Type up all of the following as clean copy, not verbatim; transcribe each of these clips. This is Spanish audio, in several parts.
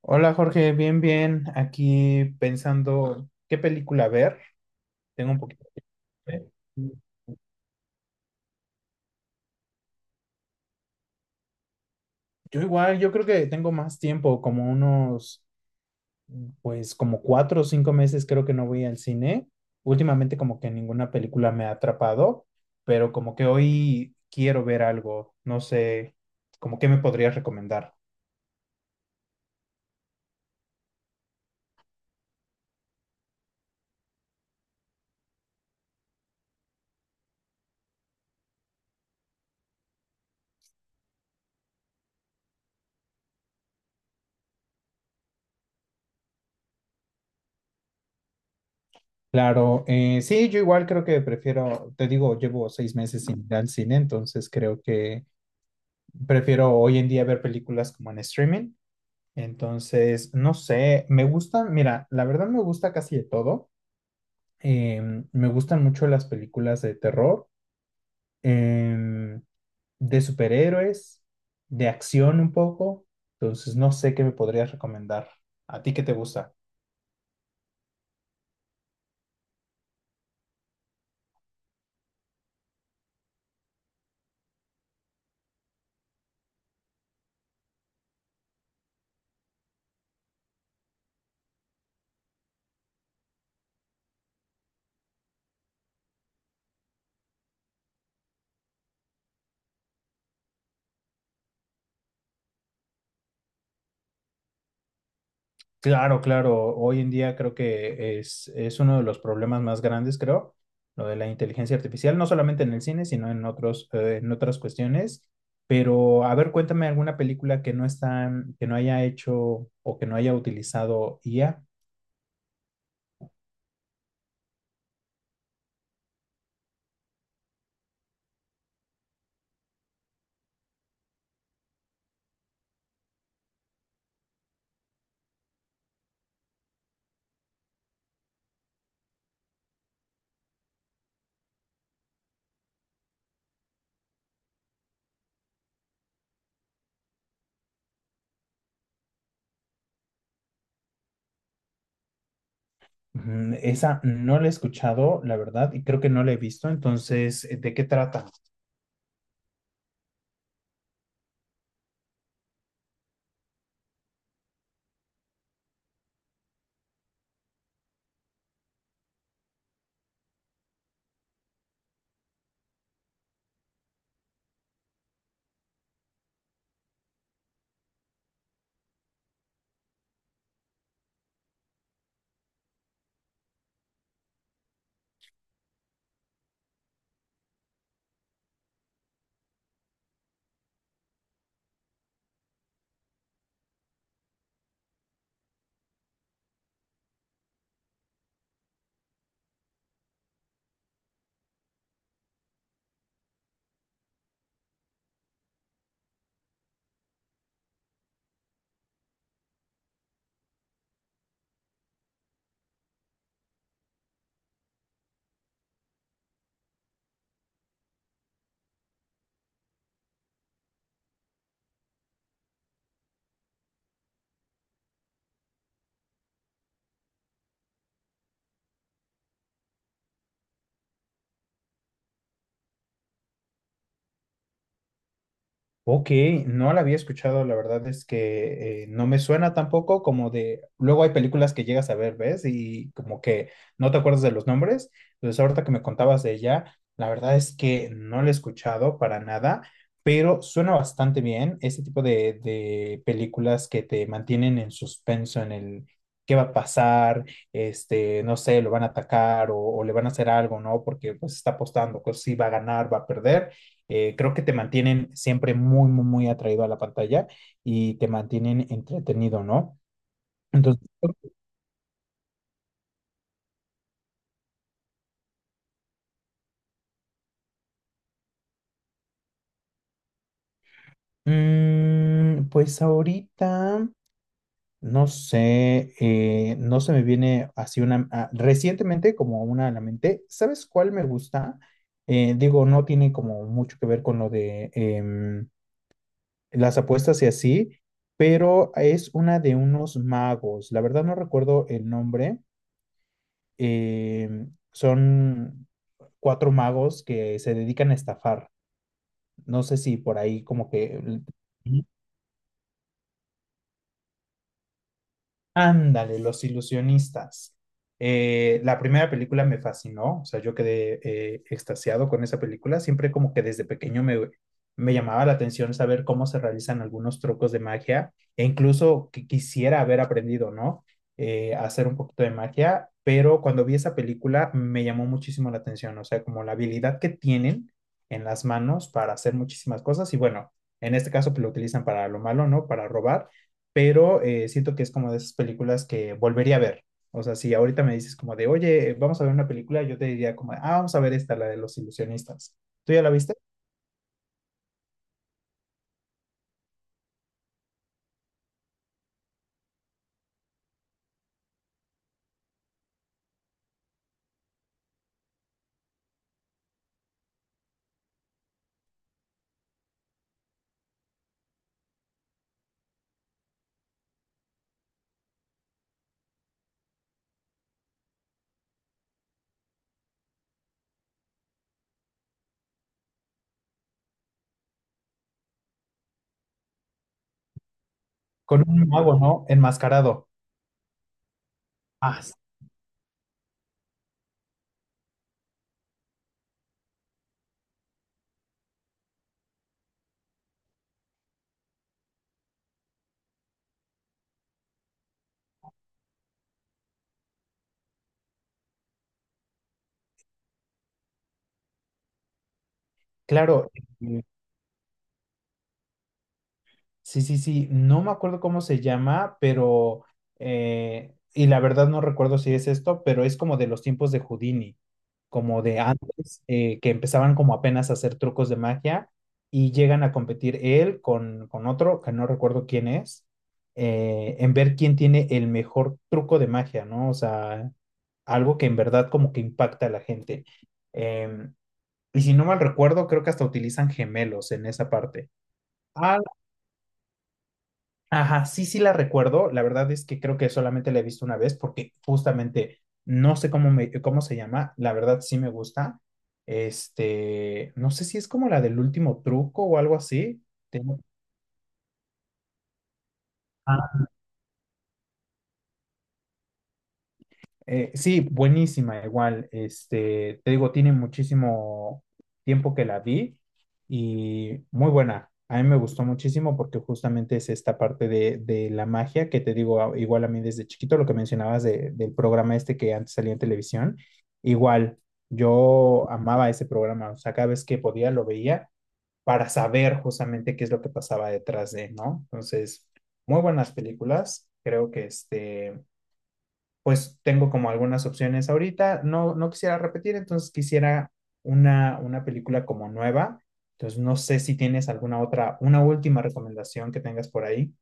Hola Jorge, bien, bien. Aquí pensando qué película ver. Tengo un poquito. de- Yo igual, yo creo que tengo más tiempo, como unos, pues como 4 o 5 meses creo que no voy al cine. Últimamente como que ninguna película me ha atrapado, pero como que hoy quiero ver algo. No sé, como qué me podrías recomendar. Claro, sí, yo igual creo que prefiero, te digo, llevo 6 meses sin ir al cine, entonces creo que prefiero hoy en día ver películas como en streaming. Entonces, no sé, me gustan, mira, la verdad me gusta casi de todo. Me gustan mucho las películas de terror, em, de superhéroes, de acción un poco. Entonces, no sé qué me podrías recomendar. ¿A ti qué te gusta? Claro, claro. Hoy en día creo que es uno de los problemas más grandes, creo, lo de la inteligencia artificial, no solamente en el cine, sino en otros, en otras cuestiones. Pero, a ver, cuéntame alguna película que no está, que no haya hecho o que no haya utilizado IA. Mm, esa no la he escuchado, la verdad, y creo que no la he visto. Entonces, ¿de qué trata? Ok, no la había escuchado, la verdad es que no me suena tampoco como de, luego hay películas que llegas a ver, ¿ves? Y como que no te acuerdas de los nombres, entonces ahorita que me contabas de ella, la verdad es que no la he escuchado para nada, pero suena bastante bien este tipo de películas que te mantienen en suspenso, en el qué va a pasar, este, no sé, lo van a atacar o le van a hacer algo, ¿no? Porque pues está apostando, pues sí va a ganar, va a perder, creo que te mantienen siempre muy, muy, muy atraído a la pantalla y te mantienen entretenido, ¿no? Entonces, pues ahorita, no sé, no se me viene así una, recientemente como una a la mente, ¿sabes cuál me gusta? Digo, no tiene como mucho que ver con lo de las apuestas y así, pero es una de unos magos, la verdad no recuerdo el nombre, eh, son cuatro magos que se dedican a estafar. No sé si por ahí como que. Ándale, Los Ilusionistas. La primera película me fascinó, o sea, yo quedé, extasiado con esa película. Siempre como que desde pequeño me llamaba la atención saber cómo se realizan algunos trucos de magia e incluso que quisiera haber aprendido, ¿no? A hacer un poquito de magia, pero cuando vi esa película me llamó muchísimo la atención, o sea, como la habilidad que tienen en las manos para hacer muchísimas cosas y bueno, en este caso pues, lo utilizan para lo malo, ¿no? Para robar, pero siento que es como de esas películas que volvería a ver. O sea, si ahorita me dices como de, oye, vamos a ver una película, yo te diría como, ah, vamos a ver esta, la de los ilusionistas. ¿Tú ya la viste? Con un mago, ¿no? Enmascarado. Ah, s- claro. eh, Sí, sí, sí. No me acuerdo cómo se llama, pero, y la verdad no recuerdo si es esto, pero es como de los tiempos de Houdini, como de antes, que empezaban como apenas a hacer trucos de magia y llegan a competir él con otro, que no recuerdo quién es, en ver quién tiene el mejor truco de magia, ¿no? O sea, algo que en verdad como que impacta a la gente. Em, y si no mal recuerdo, creo que hasta utilizan gemelos en esa parte. Ajá, sí, sí la recuerdo. La verdad es que creo que solamente la he visto una vez porque justamente no sé cómo se llama. La verdad sí me gusta. Este, no sé si es como la del último truco o algo así. Tengo- sí, buenísima, igual. Este, te digo, tiene muchísimo tiempo que la vi y muy buena. A mí me gustó muchísimo porque justamente es esta parte de la magia que te digo, igual a mí desde chiquito, lo que mencionabas del programa este que antes salía en televisión, igual yo amaba ese programa, o sea, cada vez que podía lo veía para saber justamente qué es lo que pasaba detrás de, ¿no? Entonces, muy buenas películas, creo que este pues tengo como algunas opciones ahorita. No, no quisiera repetir, entonces quisiera una película como nueva. Entonces no sé si tienes alguna otra, una última recomendación que tengas por ahí.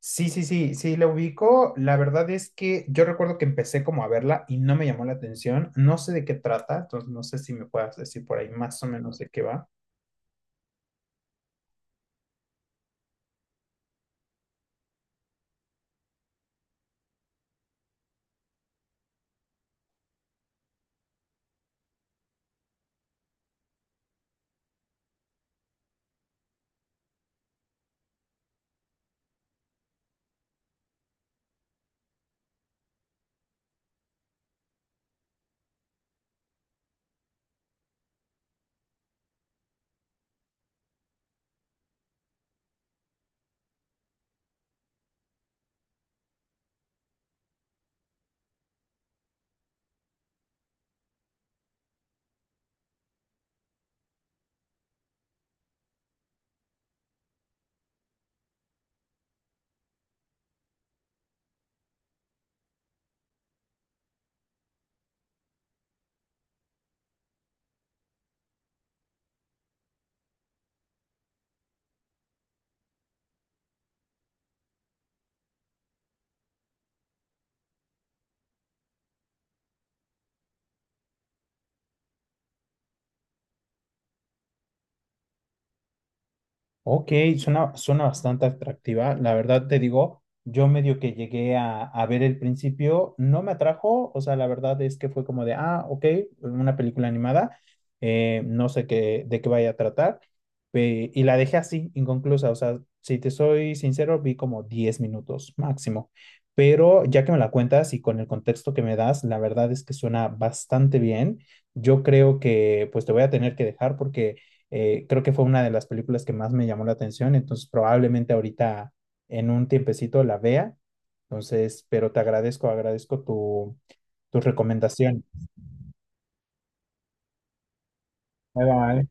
Sí, sí, sí, sí, la ubico. La verdad es que yo recuerdo que empecé como a verla y no me llamó la atención. No sé de qué trata, entonces no sé si me puedas decir por ahí más o menos de qué va. Ok, suena, suena bastante atractiva. La verdad te digo, yo medio que llegué a ver el principio, no me atrajo, o sea, la verdad es que fue como de, ah, ok, una película animada, no sé qué, de qué vaya a tratar, y la dejé así, inconclusa, o sea, si te soy sincero, vi como 10 minutos máximo, pero ya que me la cuentas y con el contexto que me das, la verdad es que suena bastante bien. Yo creo que pues te voy a tener que dejar porque... creo que fue una de las películas que más me llamó la atención, entonces probablemente ahorita en un tiempecito la vea. Entonces, pero te agradezco, agradezco tu recomendación. Bye, bye.